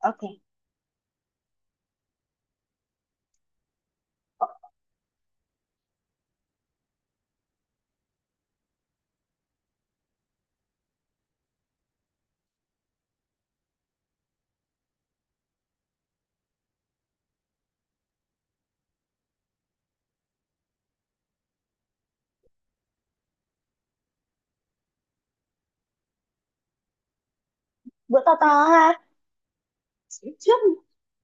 Ok, bữa to to ha. trước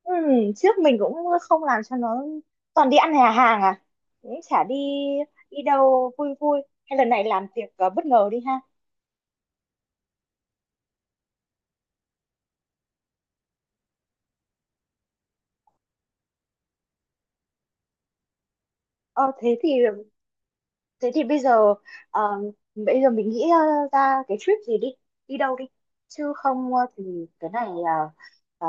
ừ, Trước mình cũng không làm cho nó, toàn đi ăn nhà hàng à, cũng chả đi đi đâu vui vui. Hay lần này làm tiệc bất ngờ đi ha? Ờ thế thì thế thì bây giờ, ờ, bây giờ mình nghĩ ra cái trip gì đi, đi đâu đi, chứ không thì cái này ờ, ờ,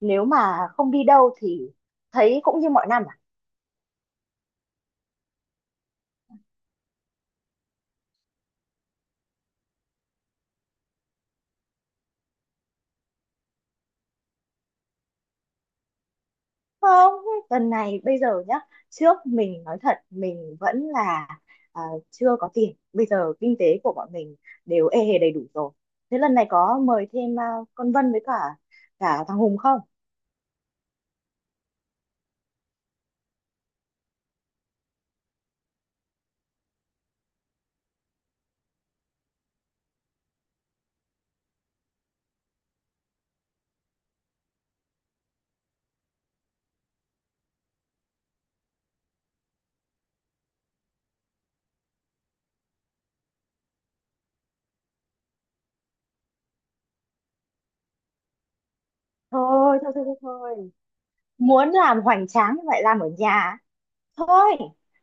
nếu mà không đi đâu thì thấy cũng như mọi năm à? Không, lần này bây giờ nhá. Trước mình nói thật mình vẫn là à, chưa có tiền. Bây giờ kinh tế của bọn mình đều ê hề đầy đủ rồi. Thế lần này có mời thêm con Vân với cả cả thằng Hùng không? Thôi, thôi, thôi, thôi, thôi. Muốn làm hoành tráng như vậy làm ở nhà. Thôi,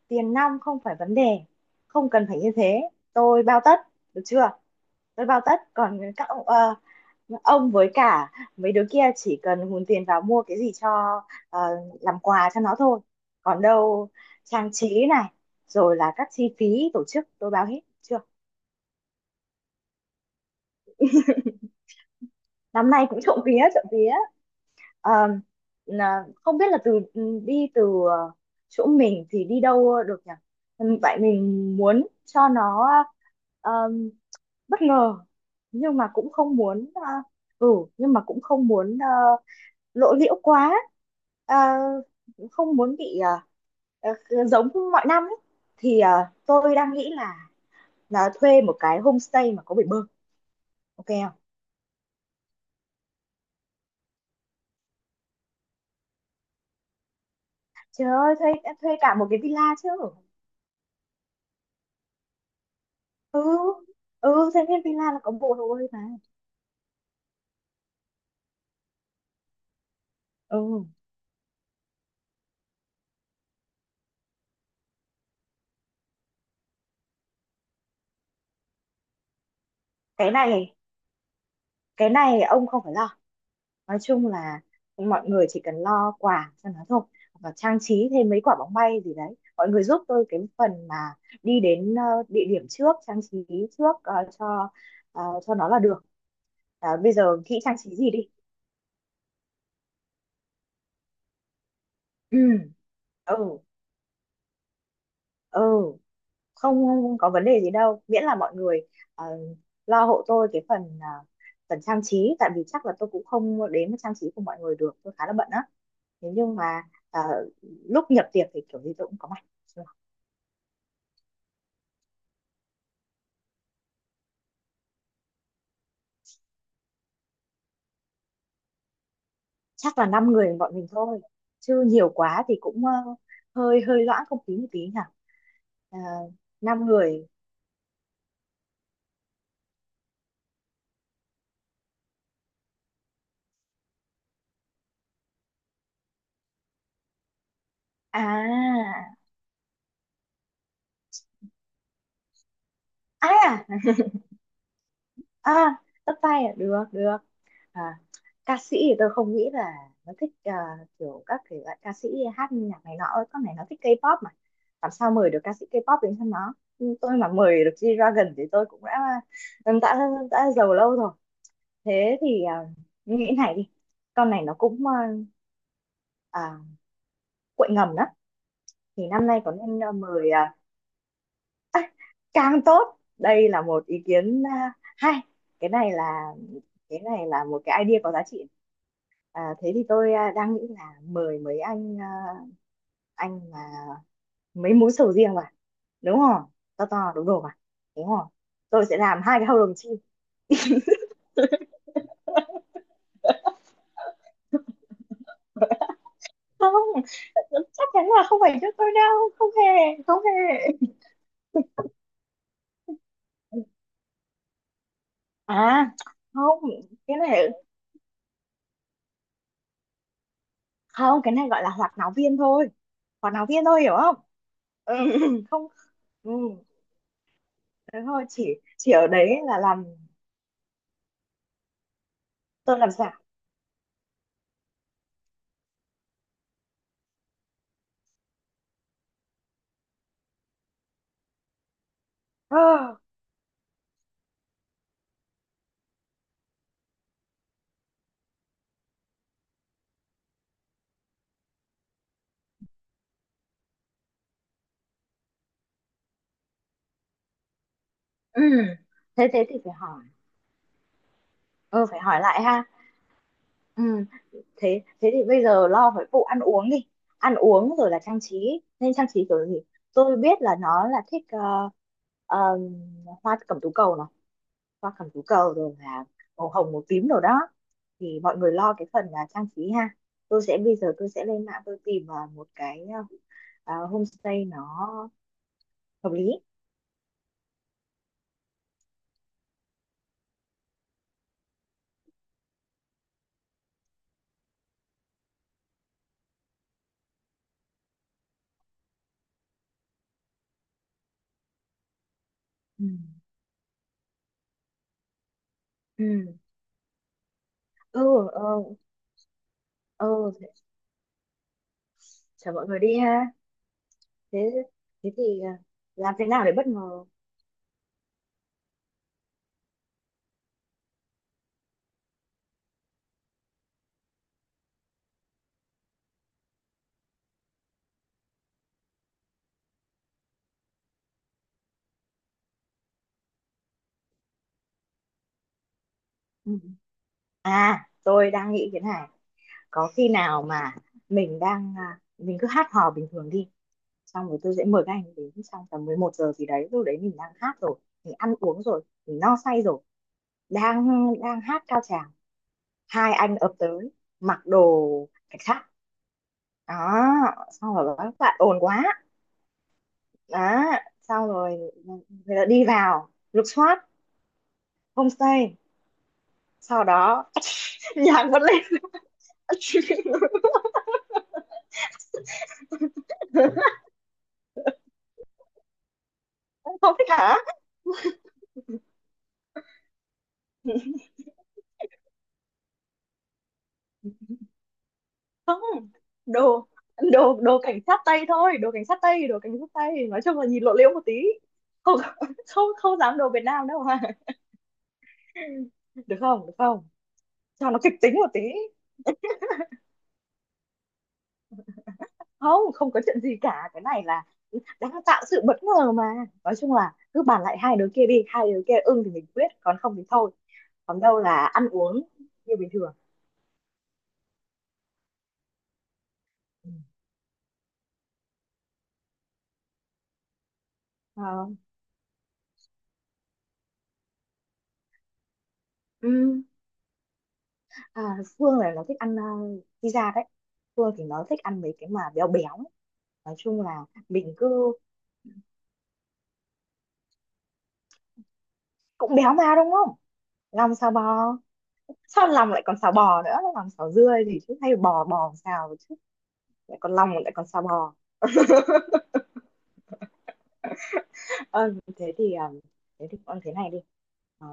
tiền nong không phải vấn đề. Không cần phải như thế. Tôi bao tất, được chưa? Tôi bao tất. Còn các ông, ông với cả mấy đứa kia chỉ cần hùn tiền vào mua cái gì cho ờ, làm quà cho nó thôi, còn đâu trang trí này rồi là các chi phí tổ chức tôi báo hết chưa. Năm nay cũng trộm vía trộm vía. Ờ, không biết là từ đi từ ờ, chỗ mình thì đi đâu được nhỉ? Ừ, vậy mình muốn cho nó ờ, bất ngờ, nhưng mà cũng không muốn ừ nhưng mà cũng không muốn lộ liễu quá, à, không muốn bị à, giống mọi năm ấy. Thì tôi đang nghĩ là thuê một cái homestay mà có bể bơi, ok không? Trời ơi, thuê thuê cả một cái villa chứ. Ừ ừ thuê cái villa là có bộ hồ bơi mà. Ừ, cái này cái này ông không phải lo. Nói chung là mọi người chỉ cần lo quà cho nó thôi, và trang trí thêm mấy quả bóng bay gì đấy. Mọi người giúp tôi cái phần mà đi đến địa điểm trước, trang trí trước cho cho nó là được. À, bây giờ nghĩ trang trí gì đi. Ừ. Ừ. Ừ. Không, không có vấn đề gì đâu, miễn là mọi người ờ, lo hộ tôi cái phần phần trang trí, tại vì chắc là tôi cũng không đến với trang trí của mọi người được, tôi khá là bận á. Thế nhưng mà ờ, lúc nhập tiệc thì kiểu gì tôi cũng có mặt. Chắc là năm người bọn mình thôi, chứ nhiều quá thì cũng hơi hơi loãng không khí một tí nhỉ. Ờ, năm người. à ai à? à tất tay à? Được được. à, ca sĩ thì tôi không nghĩ là nó thích kiểu các thể loại ca sĩ hát nhạc này nọ. Con này nó thích K-pop mà, làm sao mời được ca sĩ K-pop đến cho nó. Nhưng tôi mà mời được G-Dragon thì tôi cũng đã đã giàu lâu rồi. Thế thì nghĩ này đi, con này nó cũng à, quậy ngầm đó. Thì năm nay có nên mời Cang tốt, đây là một ý kiến hay. cái này là cái này là một cái idea có giá trị. Thế thì tôi đang nghĩ là mời mấy anh anh mà mấy múi sầu riêng vào, đúng không? To to đúng đồ mà, đúng không? Tôi sẽ làm hai cái hầu đồng chim. Không, chắc chắn là không phải cho tôi đâu. Không hề, không hề. à không, cái này không, cái này gọi là hoạt náo viên thôi, hoạt náo viên thôi, hiểu không? Ừ, không. Ừ, thế thôi. Chỉ ở đấy là làm, tôi làm giả. Ờ, ừ, thế thế thì phải hỏi. Ừ, phải hỏi lại ha. Ừ, thế thế thì bây giờ lo với vụ ăn uống đi. Ăn uống rồi là trang trí, nên trang trí kiểu gì? Tôi biết là nó là thích ờ, hoa cẩm tú cầu này, hoa cẩm tú cầu, rồi là màu hồng màu tím rồi đó. Thì mọi người lo cái phần là trang trí ha. Tôi sẽ bây giờ tôi sẽ lên mạng tôi tìm một cái homestay nó hợp lý. Ừ. Ừ. Ừ. Ừ. Ừ. Chở mọi người đi ha. Thế Thế thì làm thế nào để bất ngờ? Ừ. Tôi đang nghĩ thế này, có khi nào mà mình đang mình cứ hát hò bình thường đi, xong rồi tôi sẽ mời các anh đến trong tầm 11 giờ gì đấy, lúc đấy mình đang hát rồi, mình ăn uống rồi, mình no say rồi, đang đang hát cao trào, hai anh ập tới mặc đồ cảnh sát đó, xong rồi bảo các bạn ồn quá. Đó, xong rồi người ta đi vào lục soát homestay, sau đó nhạc vẫn lên. Không thích hả? Không, đồ đồ đồ cảnh sát tây thôi, đồ cảnh sát tây, đồ cảnh sát tây, nói chung là nhìn lộ liễu một tí. Không, không, không dám đồ Việt Nam đâu mà. Được không, được không? Cho nó kịch tính một tí. Không, không có chuyện gì cả, cái này là đang tạo sự bất ngờ mà. Nói chung là cứ bàn lại hai đứa kia đi, hai đứa kia ưng thì mình quyết, còn không thì thôi. Còn đâu là ăn uống như bình thường. Ừ. Ờ, à, Phương là nó thích ăn pizza đấy. Phương thì nó thích ăn mấy cái mà béo béo ấy. Nói chung là mình cứ cũng béo mà đúng không. Lòng xào bò? Sao lòng lại còn xào bò nữa, lòng xào dưa gì chứ, hay bò bò xào chứ, lại còn lòng lại còn xào bò. Ờ, thế thì thế thì con thế này đi. Ờ,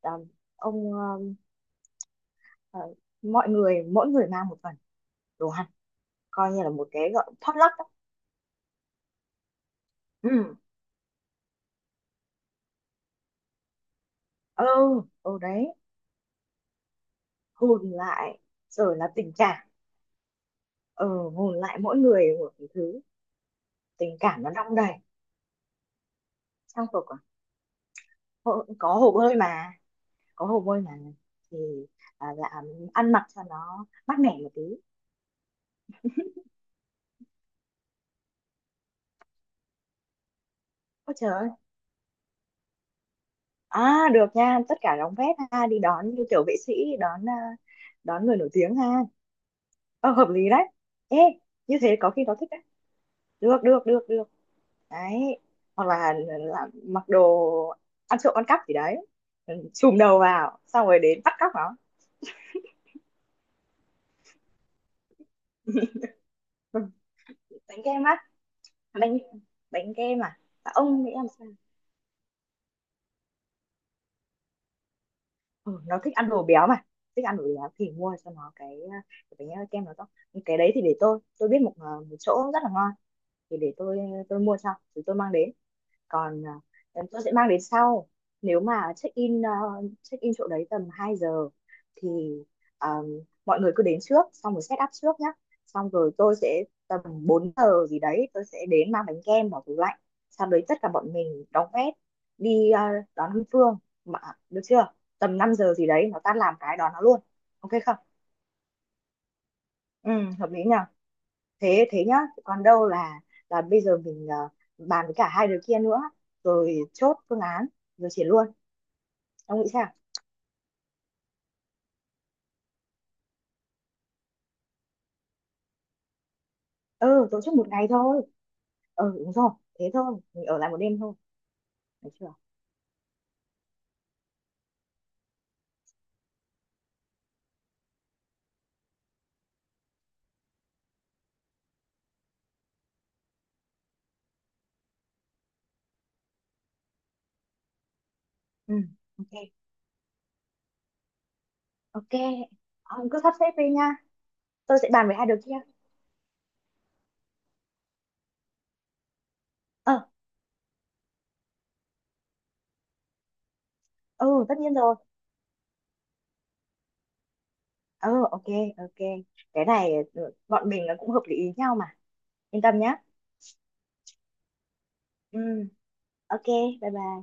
ờ, ông ờ, ờ, mọi người, mỗi người mang một phần đồ ăn, coi như là một cái gọi potluck ấy. Ừ, ừ. Ừ đấy, hùn lại rồi là tình cảm. Ừ, hùn lại mỗi người một cái thứ, tình cảm nó đong đầy. Trang phục à? Có hồ bơi mà, có hồ bơi mà, thì là ăn mặc cho nó mát mẻ một tí. Ôi trời ơi, được nha, tất cả đóng vét ha, đi đón như kiểu vệ sĩ, đón đón người nổi tiếng ha. Ờ, hợp lý đấy. Ê, như thế có khi nó thích đấy, được được được được đấy. Hoặc là, mặc đồ ăn trộm ăn cắp gì đấy, ừ, chùm đầu vào xong rồi đến bắt cóc nó. Ừ. Bánh kem á. Bánh Bánh kem à? Dạ, ông nghĩ làm sao? Ừ, nó thích ăn đồ béo mà, thích ăn đồ béo thì mua cho nó cái, cái bánh kem nó to. Cái đấy thì để tôi biết một một chỗ rất là ngon, thì để tôi mua cho, thì tôi mang đến. Còn tôi sẽ mang đến sau. Nếu mà check in chỗ đấy tầm 2 giờ, thì à, mọi người cứ đến trước xong rồi set up trước nhá, xong rồi tôi sẽ tầm 4 giờ gì đấy tôi sẽ đến mang bánh kem vào tủ lạnh, sau đấy tất cả bọn mình đóng vét đi đón Hương Phương, mà được chưa, tầm 5 giờ gì đấy nó tan làm cái đón nó luôn, ok không? Ừ, hợp lý nhỉ. Thế Thế nhá. Còn đâu là bây giờ mình bàn với cả hai đứa kia nữa, rồi chốt phương án, rồi triển luôn. Ông nghĩ sao? Ừ, tổ chức một ngày thôi. Ừ đúng rồi, thế thôi mình ở lại một đêm thôi, được chưa? Ừ, ok. Ok, ông cứ sắp xếp đi nha, tôi sẽ bàn với hai đứa kia. Ờ. Ừ, tất nhiên rồi. Ờ, ok. Ok, cái này ừ, bọn mình nó cũng hợp lý ý nhau mà, yên tâm nhá. Ừ, ok, bye bye.